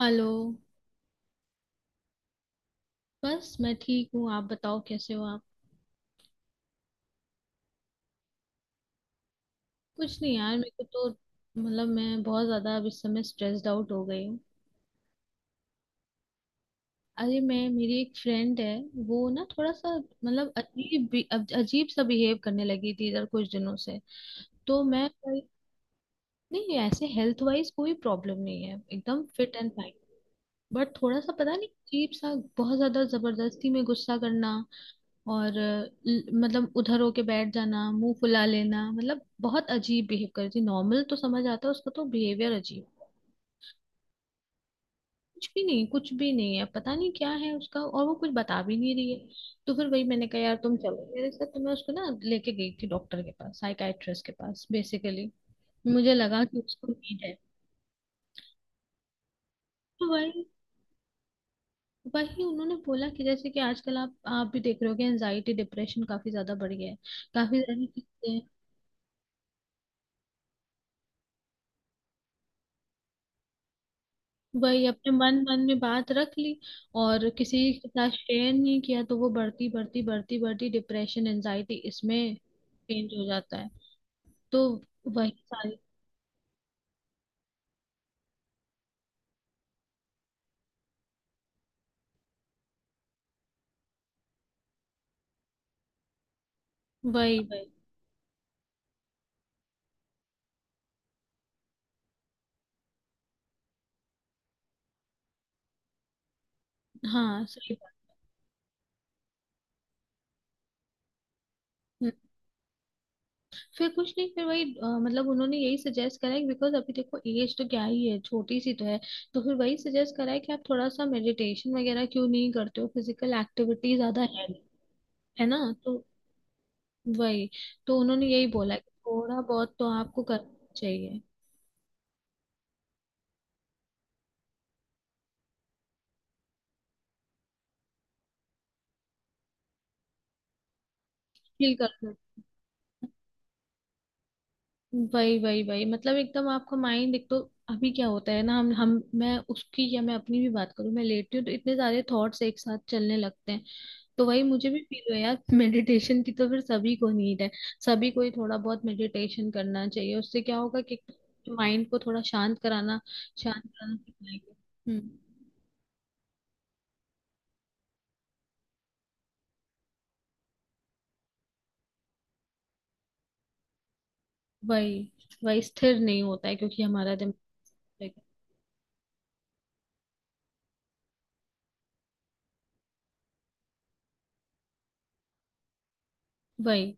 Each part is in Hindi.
हेलो। बस मैं ठीक हूँ, आप बताओ कैसे हो आप? कुछ नहीं यार मेरे को, तो मतलब मैं बहुत ज्यादा अब इस समय स्ट्रेस्ड आउट हो गई हूँ। अरे मैं, मेरी एक फ्रेंड है, वो ना थोड़ा सा मतलब अब अजीब सा बिहेव करने लगी थी इधर कुछ दिनों से। तो मैं भाई- नहीं ऐसे हेल्थ वाइज कोई प्रॉब्लम नहीं है, एकदम फिट एंड फाइन। बट थोड़ा सा पता नहीं, अजीब सा, बहुत ज्यादा जबरदस्ती में गुस्सा करना, और मतलब उधर होके बैठ जाना, मुंह फुला लेना, मतलब बहुत अजीब बिहेव करती, नॉर्मल तो समझ आता है, उसका तो बिहेवियर अजीब। कुछ भी नहीं, कुछ भी नहीं है, पता नहीं क्या है उसका, और वो कुछ बता भी नहीं रही है। तो फिर वही मैंने कहा यार तुम चलो मेरे साथ, तो मैं उसको ना लेके गई थी डॉक्टर के पास, साइकाइट्रिस्ट के पास बेसिकली। मुझे लगा कि उसको नीड है। तो वही। वही उन्होंने बोला कि जैसे कि आजकल आप भी देख रहे हो कि एनजाइटी डिप्रेशन काफी ज्यादा बढ़ गया है, काफी ज्यादा चीजें हैं। वही अपने मन मन में बात रख ली और किसी के साथ शेयर नहीं किया, तो वो बढ़ती बढ़ती बढ़ती बढ़ती डिप्रेशन, एंजाइटी इसमें चेंज हो जाता है। तो वही सारी, वही वही। हाँ सही बात। हम्म, फिर कुछ नहीं, फिर वही मतलब उन्होंने यही सजेस्ट करा है, बिकॉज अभी देखो एज तो क्या ही है, छोटी सी तो है। तो फिर वही सजेस्ट करा है कि आप थोड़ा सा मेडिटेशन वगैरह क्यों नहीं करते हो, फिजिकल एक्टिविटी ज्यादा है नहीं, है ना? तो वही। तो उन्होंने यही बोला कि थोड़ा बहुत तो आपको करना चाहिए। चिल कर लो। वही वही वही, मतलब एकदम आपका माइंड एक तो, अभी क्या होता है ना, हम मैं उसकी या मैं अपनी भी बात करूं, मैं लेटती हूँ तो इतने सारे थॉट्स एक साथ चलने लगते हैं। तो वही मुझे भी फील हुआ यार मेडिटेशन की तो फिर सभी को नीड है। सभी को ही थोड़ा बहुत मेडिटेशन करना चाहिए, उससे क्या होगा कि माइंड को थोड़ा शांत कराना, शांत कराना सीख लेंगे। हम्म। वही वही, स्थिर नहीं होता है क्योंकि हमारा दिमाग। वही,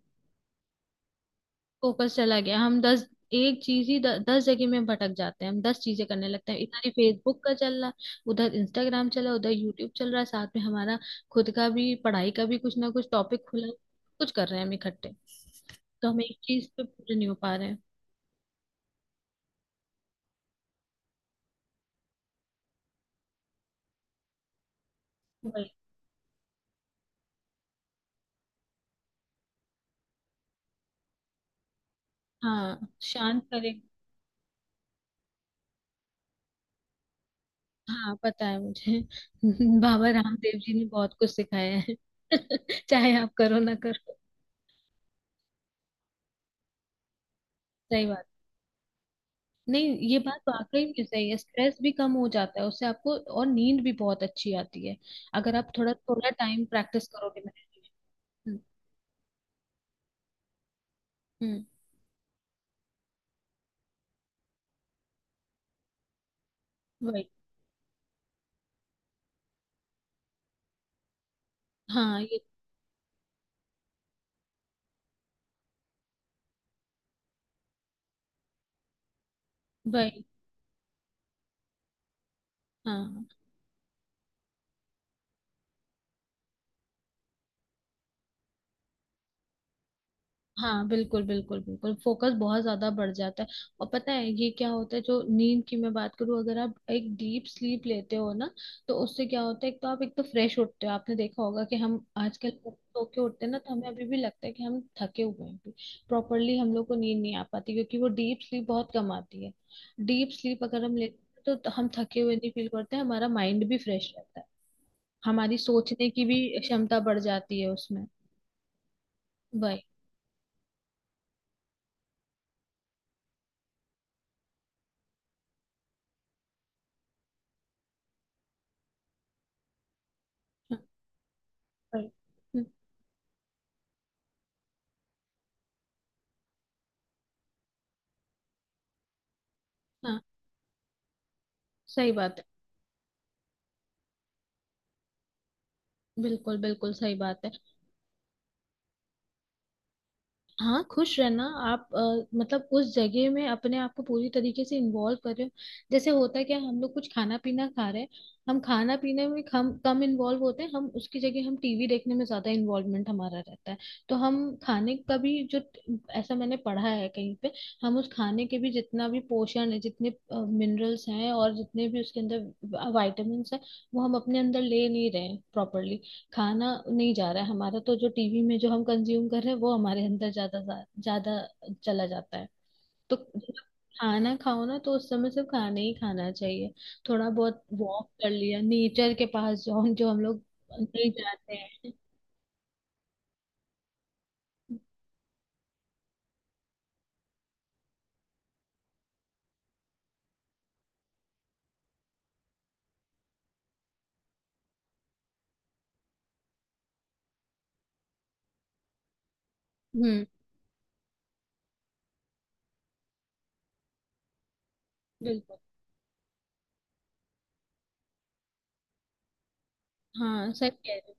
फोकस चला गया, हम 10, एक चीज ही 10 जगह में भटक जाते हैं, हम 10 चीजें करने लगते हैं, इधर ही फेसबुक का चल रहा, उधर इंस्टाग्राम चला, उधर यूट्यूब चल रहा है, साथ में हमारा खुद का भी पढ़ाई का भी कुछ ना कुछ टॉपिक खुला है, कुछ कर रहे हैं हम इकट्ठे, तो हम एक चीज पे पूरे नहीं हो पा रहे हैं। वही। हाँ शांत करे। हाँ पता है मुझे बाबा रामदेव जी ने बहुत कुछ सिखाया है। चाहे आप करो ना करो। सही बात। नहीं ये बात वाकई में सही है, स्ट्रेस भी कम हो जाता है उससे आपको, और नींद भी बहुत अच्छी आती है, अगर आप थोड़ा थोड़ा टाइम प्रैक्टिस करोगे मेडिटेशन। हम्म। हम्म। वही। हाँ ये वही। हाँ हाँ, बिल्कुल बिल्कुल बिल्कुल, फोकस बहुत ज्यादा बढ़ जाता है। और पता है ये क्या होता है, जो नींद की मैं बात करूँ, अगर आप एक डीप स्लीप लेते हो ना, तो उससे क्या होता है, एक तो आप, एक तो फ्रेश उठते हो। आपने देखा होगा कि हम आजकल सो के उठते हैं ना, तो हमें अभी भी लगता है कि हम थके हुए हैं। प्रॉपरली हम लोग को नींद नहीं आ पाती, क्योंकि वो डीप स्लीप बहुत कम आती है। डीप स्लीप अगर हम लेते हैं तो हम थके हुए नहीं फील करते हैं, हमारा माइंड भी फ्रेश रहता है, हमारी सोचने की भी क्षमता बढ़ जाती है उसमें। वही। हाँ। वही। हम्म। हाँ। सही बात है, बिल्कुल बिल्कुल सही बात है। हाँ खुश रहना आप मतलब उस जगह में अपने आप को पूरी तरीके से इन्वॉल्व कर रहे हो। जैसे होता है क्या, हम लोग कुछ खाना पीना खा रहे हैं, हम खाना पीने में हम कम इन्वॉल्व होते हैं, हम उसकी जगह हम टीवी देखने में ज्यादा इन्वॉल्वमेंट हमारा रहता है। तो हम खाने का भी जो, ऐसा मैंने पढ़ा है कहीं पे, हम उस खाने के भी जितना भी पोषण है, जितने मिनरल्स हैं और जितने भी उसके अंदर वाइटामिन है, वो हम अपने अंदर ले नहीं रहे प्रॉपरली, खाना नहीं जा रहा है हमारा, तो जो टीवी में जो हम कंज्यूम कर रहे हैं, वो हमारे अंदर ज्यादा ज्यादा चला जाता है। तो जब खाना खाओ ना, तो उस समय सिर्फ खाना ही खाना चाहिए, थोड़ा बहुत वॉक कर लिया नेचर के पास, जो हम, जो हम लोग नहीं जाते हैं। हम्म। बिल्कुल। हाँ सही कह रहे हो।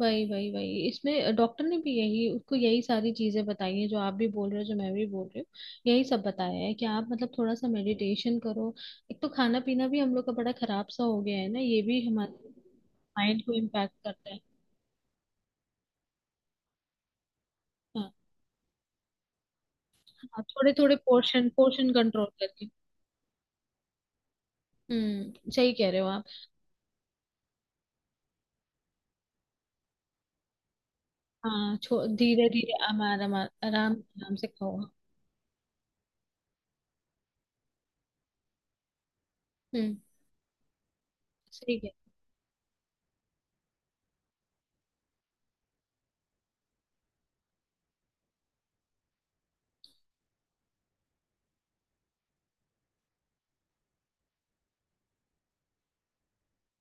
वही वही वही, इसमें डॉक्टर ने भी यही उसको यही सारी चीजें बताई हैं, जो आप भी बोल रहे हो, जो मैं भी बोल रही हूँ, यही सब बताया है कि आप मतलब थोड़ा सा मेडिटेशन करो। एक तो खाना पीना भी हम लोग का बड़ा खराब सा हो गया है ना, ये भी हमारे माइंड को इम्पैक्ट करता है। हाँ आप थोड़े थोड़े पोर्शन, पोर्शन कंट्रोल करके। सही कह रहे हो आप। हाँ धीरे धीरे, आराम, आराम आराम से खाओ। हम्म सही कह।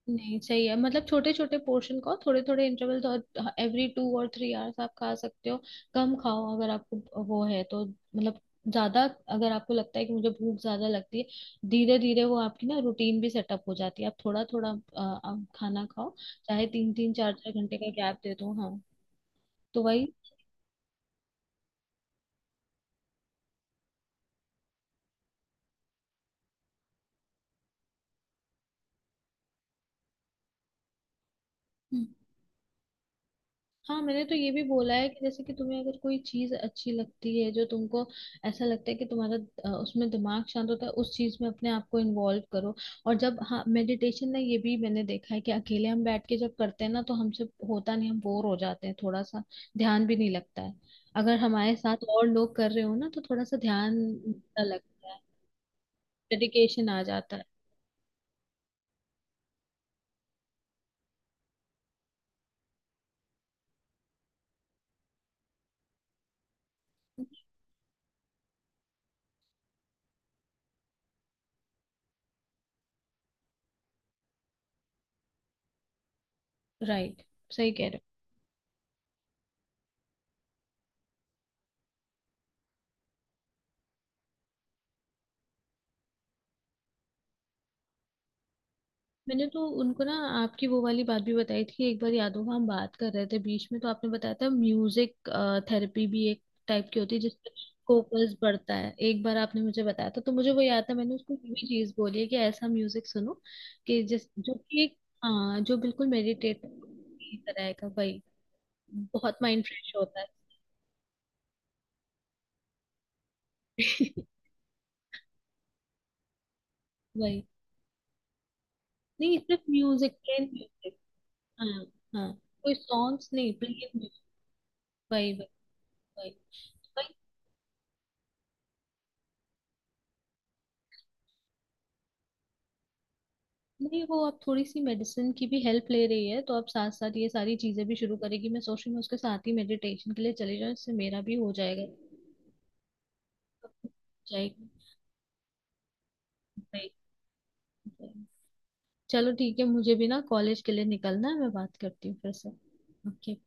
नहीं सही है, मतलब छोटे छोटे पोर्शन खाओ, थोड़े थोड़े इंटरवल, और एवरी टू और थ्री आवर्स आप खा सकते हो। कम खाओ अगर आपको वो है तो मतलब ज्यादा, अगर आपको लगता है कि मुझे भूख ज्यादा लगती है, धीरे धीरे वो आपकी ना रूटीन भी सेटअप हो जाती है, आप थोड़ा थोड़ा आप खाना खाओ, चाहे तीन तीन चार चार घंटे का गैप दे दो। हाँ। तो वही। हाँ। मैंने तो ये भी बोला है कि जैसे कि तुम्हें अगर कोई चीज अच्छी लगती है, जो तुमको ऐसा लगता है कि तुम्हारा उसमें दिमाग शांत होता है, उस चीज में अपने आप को इन्वॉल्व करो। और जब, हाँ मेडिटेशन ना, ये भी मैंने देखा है कि अकेले हम बैठ के जब करते हैं ना, तो हमसे होता नहीं, हम बोर हो जाते हैं थोड़ा सा, ध्यान भी नहीं लगता है। अगर हमारे साथ और लोग कर रहे हो ना, तो थोड़ा सा ध्यान सा लगता है, डेडिकेशन आ जाता है। राइट, सही कह रहे हो। मैंने तो उनको ना आपकी वो वाली बात भी बताई थी, एक बार याद होगा हम बात कर रहे थे बीच में, तो आपने बताया था म्यूजिक थेरेपी भी एक टाइप की होती है जिसमें फोकस बढ़ता है, एक बार आपने मुझे बताया था, तो मुझे वो याद था, मैंने उसको ये भी चीज बोली है कि ऐसा म्यूजिक सुनो, कि जिस, जो कि एक, हाँ जो बिल्कुल मेडिटेट की तरह का भाई, बहुत माइंड फ्रेश होता है। वही। नहीं सिर्फ म्यूजिक, प्लेन म्यूजिक। हाँ। हाँ, कोई सॉन्ग्स नहीं, प्लेन म्यूजिक। वही वही वही वही। नहीं वो अब थोड़ी सी मेडिसिन की भी हेल्प ले रही है, तो अब साथ साथ ये सारी चीजें भी शुरू करेगी, मैं सोच रही हूँ उसके साथ ही मेडिटेशन के लिए चले जाऊँ, इससे मेरा भी हो जाएगा, जाएगी। सही। चलो ठीक है, मुझे भी ना कॉलेज के लिए निकलना है, मैं बात करती हूँ फिर से। ओके।